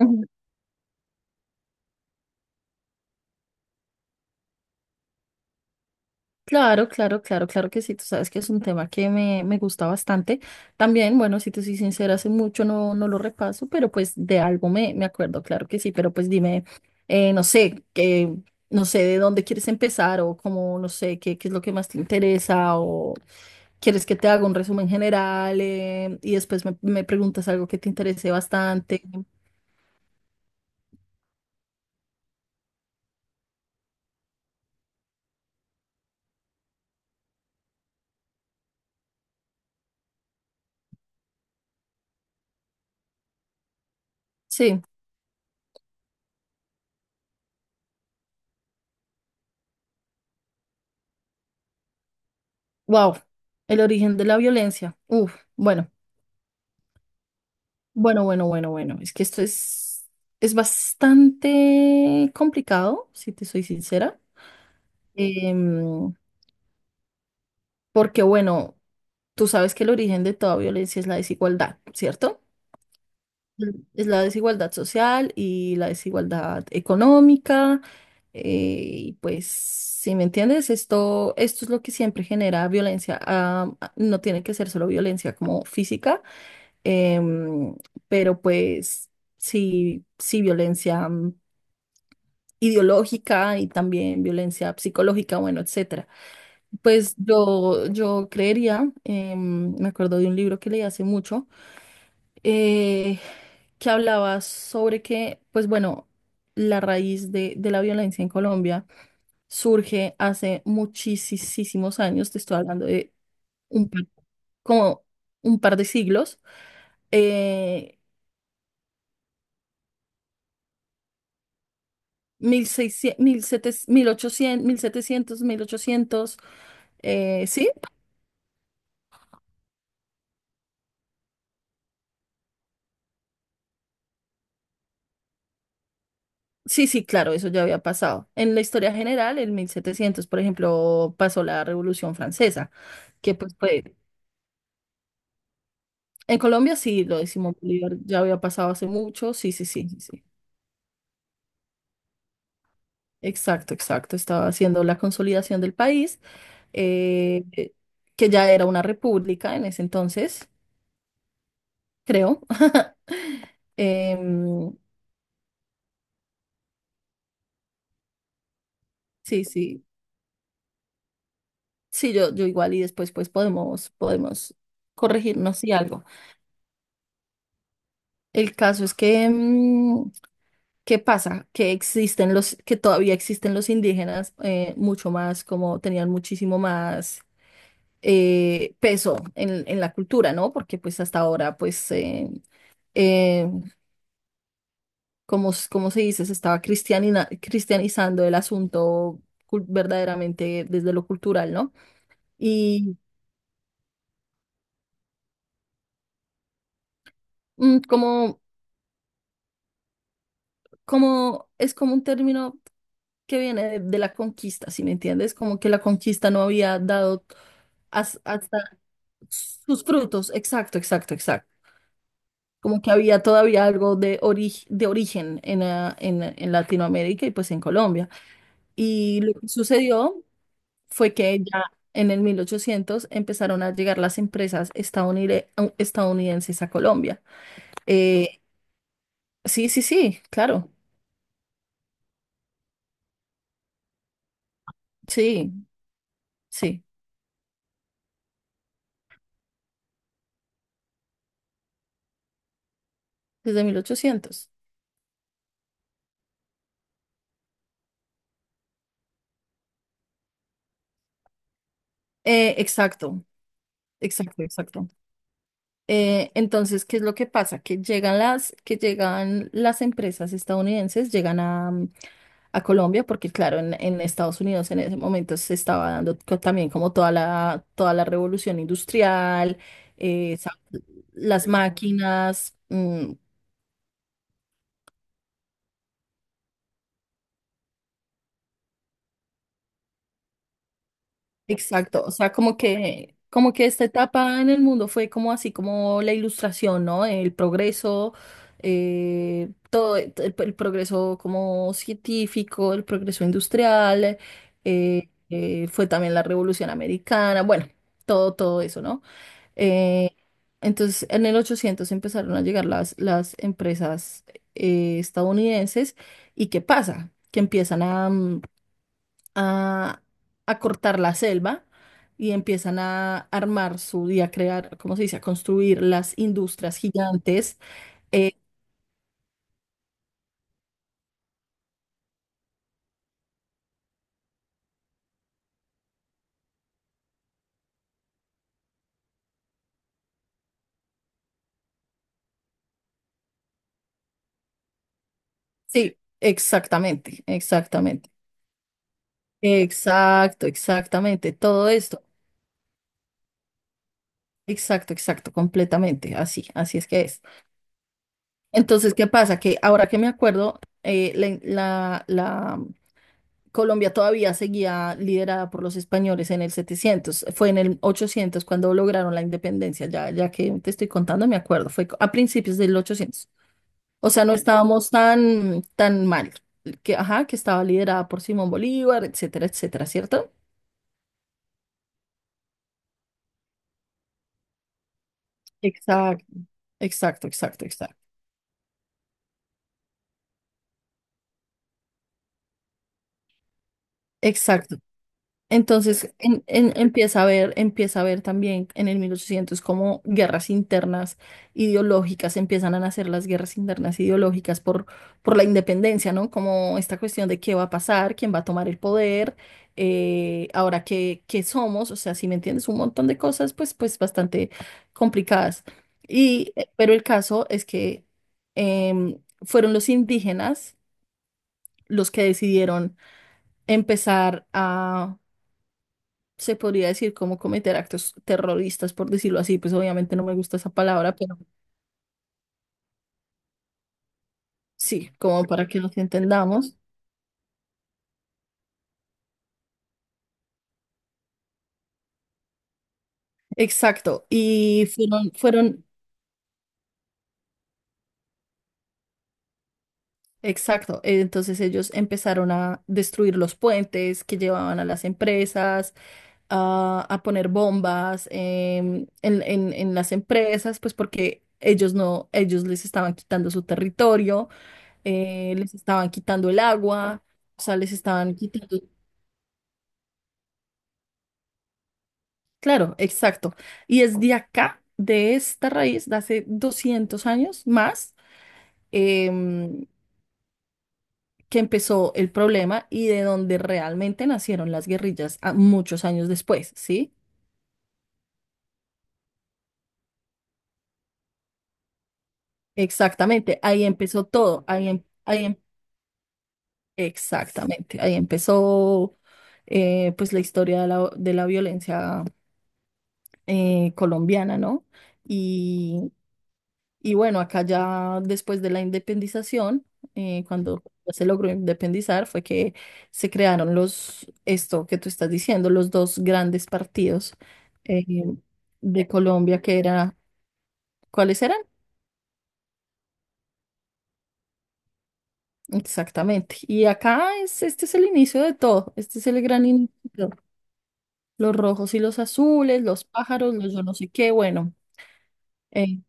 Ujú. Claro, claro, claro, claro que sí, tú sabes que es un tema que me gusta bastante. También, bueno, si te soy sincera, hace mucho no lo repaso, pero pues de algo me acuerdo, claro que sí, pero pues dime, no sé, no sé de dónde quieres empezar o cómo, no sé, qué es lo que más te interesa o quieres que te haga un resumen general, y después me preguntas algo que te interese bastante. Sí, wow, el origen de la violencia. Uf, bueno. Bueno. Es que esto es bastante complicado, si te soy sincera. Em, Porque, bueno, tú sabes que el origen de toda violencia es la desigualdad, ¿cierto? Mm. Es la desigualdad social y la desigualdad económica. eh, y pues, si me entiendes, esto es lo que siempre genera violencia. Ah, no tiene que ser solo violencia como física. Em, pero pues sí, sí, violencia ideológica, y también violencia psicológica, bueno, etcétera. Pues yo creería, me acuerdo de un libro que leí hace mucho, eh, que hablaba sobre que, pues bueno, la raíz de la violencia en Colombia surge hace muchísimos años, te estoy hablando de un, par- como un par de siglos. eh, 1600, 1700, 1800 sí, sí, sí, claro, eso ya había pasado. En la historia general, en 1700 por ejemplo, pasó la Revolución Francesa, que pues fue... En Colombia sí, lo decimos, Bolívar ya había pasado hace mucho. Sí, sí, sí, sí, sí. Exacto, exacto. Estaba haciendo la consolidación del país, eh, eh, que ya era una república en ese entonces, creo. Em, sí, sí. Sí, yo igual, y después pues podemos corregirnos y algo. El caso es que, ¿qué pasa? Que existen los, que todavía existen los indígenas, mucho más, como tenían muchísimo más peso en la cultura, ¿no? Porque pues hasta ahora pues, eh, como se dice, se estaba cristianizando el asunto verdaderamente desde lo cultural, ¿no? Y mm, como como es como un término que viene de la conquista, ¿si me entiendes? Como que la conquista no había dado hasta sus frutos. Exacto, exacto, exacto. Como que había todavía algo de origen en, en Latinoamérica y pues en Colombia. Y lo que sucedió fue que ya en el 1800 empezaron a llegar las empresas estadounidenses a Colombia. Eh, sí, sí, sí, claro. Sí, sí, desde 1800. Exacto, exacto, exacto. Entonces, ¿qué es lo que pasa? Que que llegan las empresas estadounidenses, llegan a, a Colombia, porque claro, en Estados Unidos en ese momento se estaba dando también como toda la revolución industrial, eh, sa- las máquinas. Exacto, o sea, como que esta etapa en el mundo fue como así como la ilustración, ¿no? El progreso, todo el progreso como científico, el progreso industrial, fue también la Revolución Americana, bueno, todo eso, ¿no? Eh, entonces, en el 800 empezaron a llegar las empresas, estadounidenses, y ¿qué pasa? Que empiezan a, a cortar la selva y empiezan a armar su y a crear, ¿cómo se dice? A construir las industrias gigantes. Eh, sí, exactamente, exactamente. Exacto, exactamente. Todo esto. Exacto, exacto, completamente. Así, así es que es. Entonces, ¿qué pasa? Que ahora que me acuerdo, la Colombia todavía seguía liderada por los españoles en el 700. Fue en el 800 cuando lograron la independencia. Ya, ya que te estoy contando, me acuerdo. Fue a principios del 800. O sea, no estábamos tan, tan mal. Que, ajá, que estaba liderada por Simón Bolívar, etcétera, etcétera, ¿cierto? Exacto, exacto, exacto, exacto. Exacto. Entonces empieza a ver también en el 1800 como guerras internas ideológicas, empiezan a nacer las guerras internas ideológicas por la independencia, ¿no? Como esta cuestión de qué va a pasar, quién va a tomar el poder, ahora qué, qué somos, o sea, si me entiendes, un montón de cosas pues, pues bastante complicadas. Y, pero el caso es que, em, fueron los indígenas los que decidieron empezar a, se podría decir como, cometer actos terroristas, por decirlo así, pues obviamente no me gusta esa palabra, pero sí, como para que nos entendamos. Exacto, exacto, entonces ellos empezaron a destruir los puentes que llevaban a las empresas, a poner bombas, en las empresas, pues porque... Ellos no, ellos les estaban quitando su territorio, les estaban quitando el agua, o sea, les estaban quitando. Claro, exacto. Y es de acá, de esta raíz, de hace 200 años más, em, que empezó el problema y de donde realmente nacieron las guerrillas muchos años después, ¿sí? Exactamente, ahí empezó todo, exactamente, ahí empezó, pues la historia de de la violencia colombiana, ¿no? Y bueno, acá ya después de la independización, cuando ya se logró independizar, fue que se crearon los, esto que tú estás diciendo, los dos grandes partidos, eh, de Colombia, que era, ¿cuáles eran? Exactamente. Y acá es, este es el inicio de todo, este es el gran inicio de todo. Los rojos y los azules, los pájaros, los yo no sé qué, bueno, eh,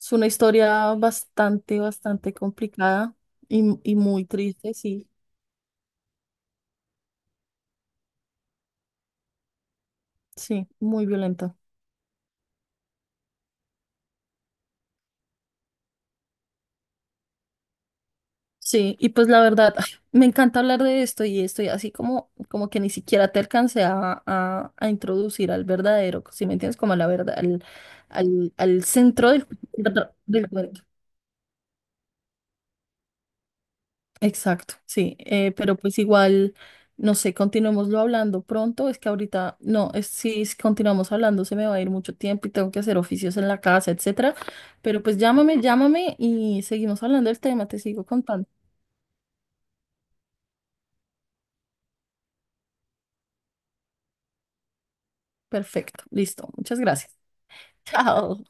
es una historia bastante, bastante complicada y muy triste, sí, sí, muy violenta. Sí, y pues la verdad, ay, me encanta hablar de esto y estoy así como, como que ni siquiera te alcancé a introducir al verdadero, si me entiendes, como a la verdad, al centro del, del cuento. Exacto, sí, pero pues igual, no sé, continuémoslo hablando pronto, es que ahorita, no, es, si s- continuamos hablando se me va a ir mucho tiempo y tengo que hacer oficios en la casa, etcétera, pero pues llámame, llámame y seguimos hablando del tema, te sigo contando. Perfecto, listo, muchas gracias. Chao.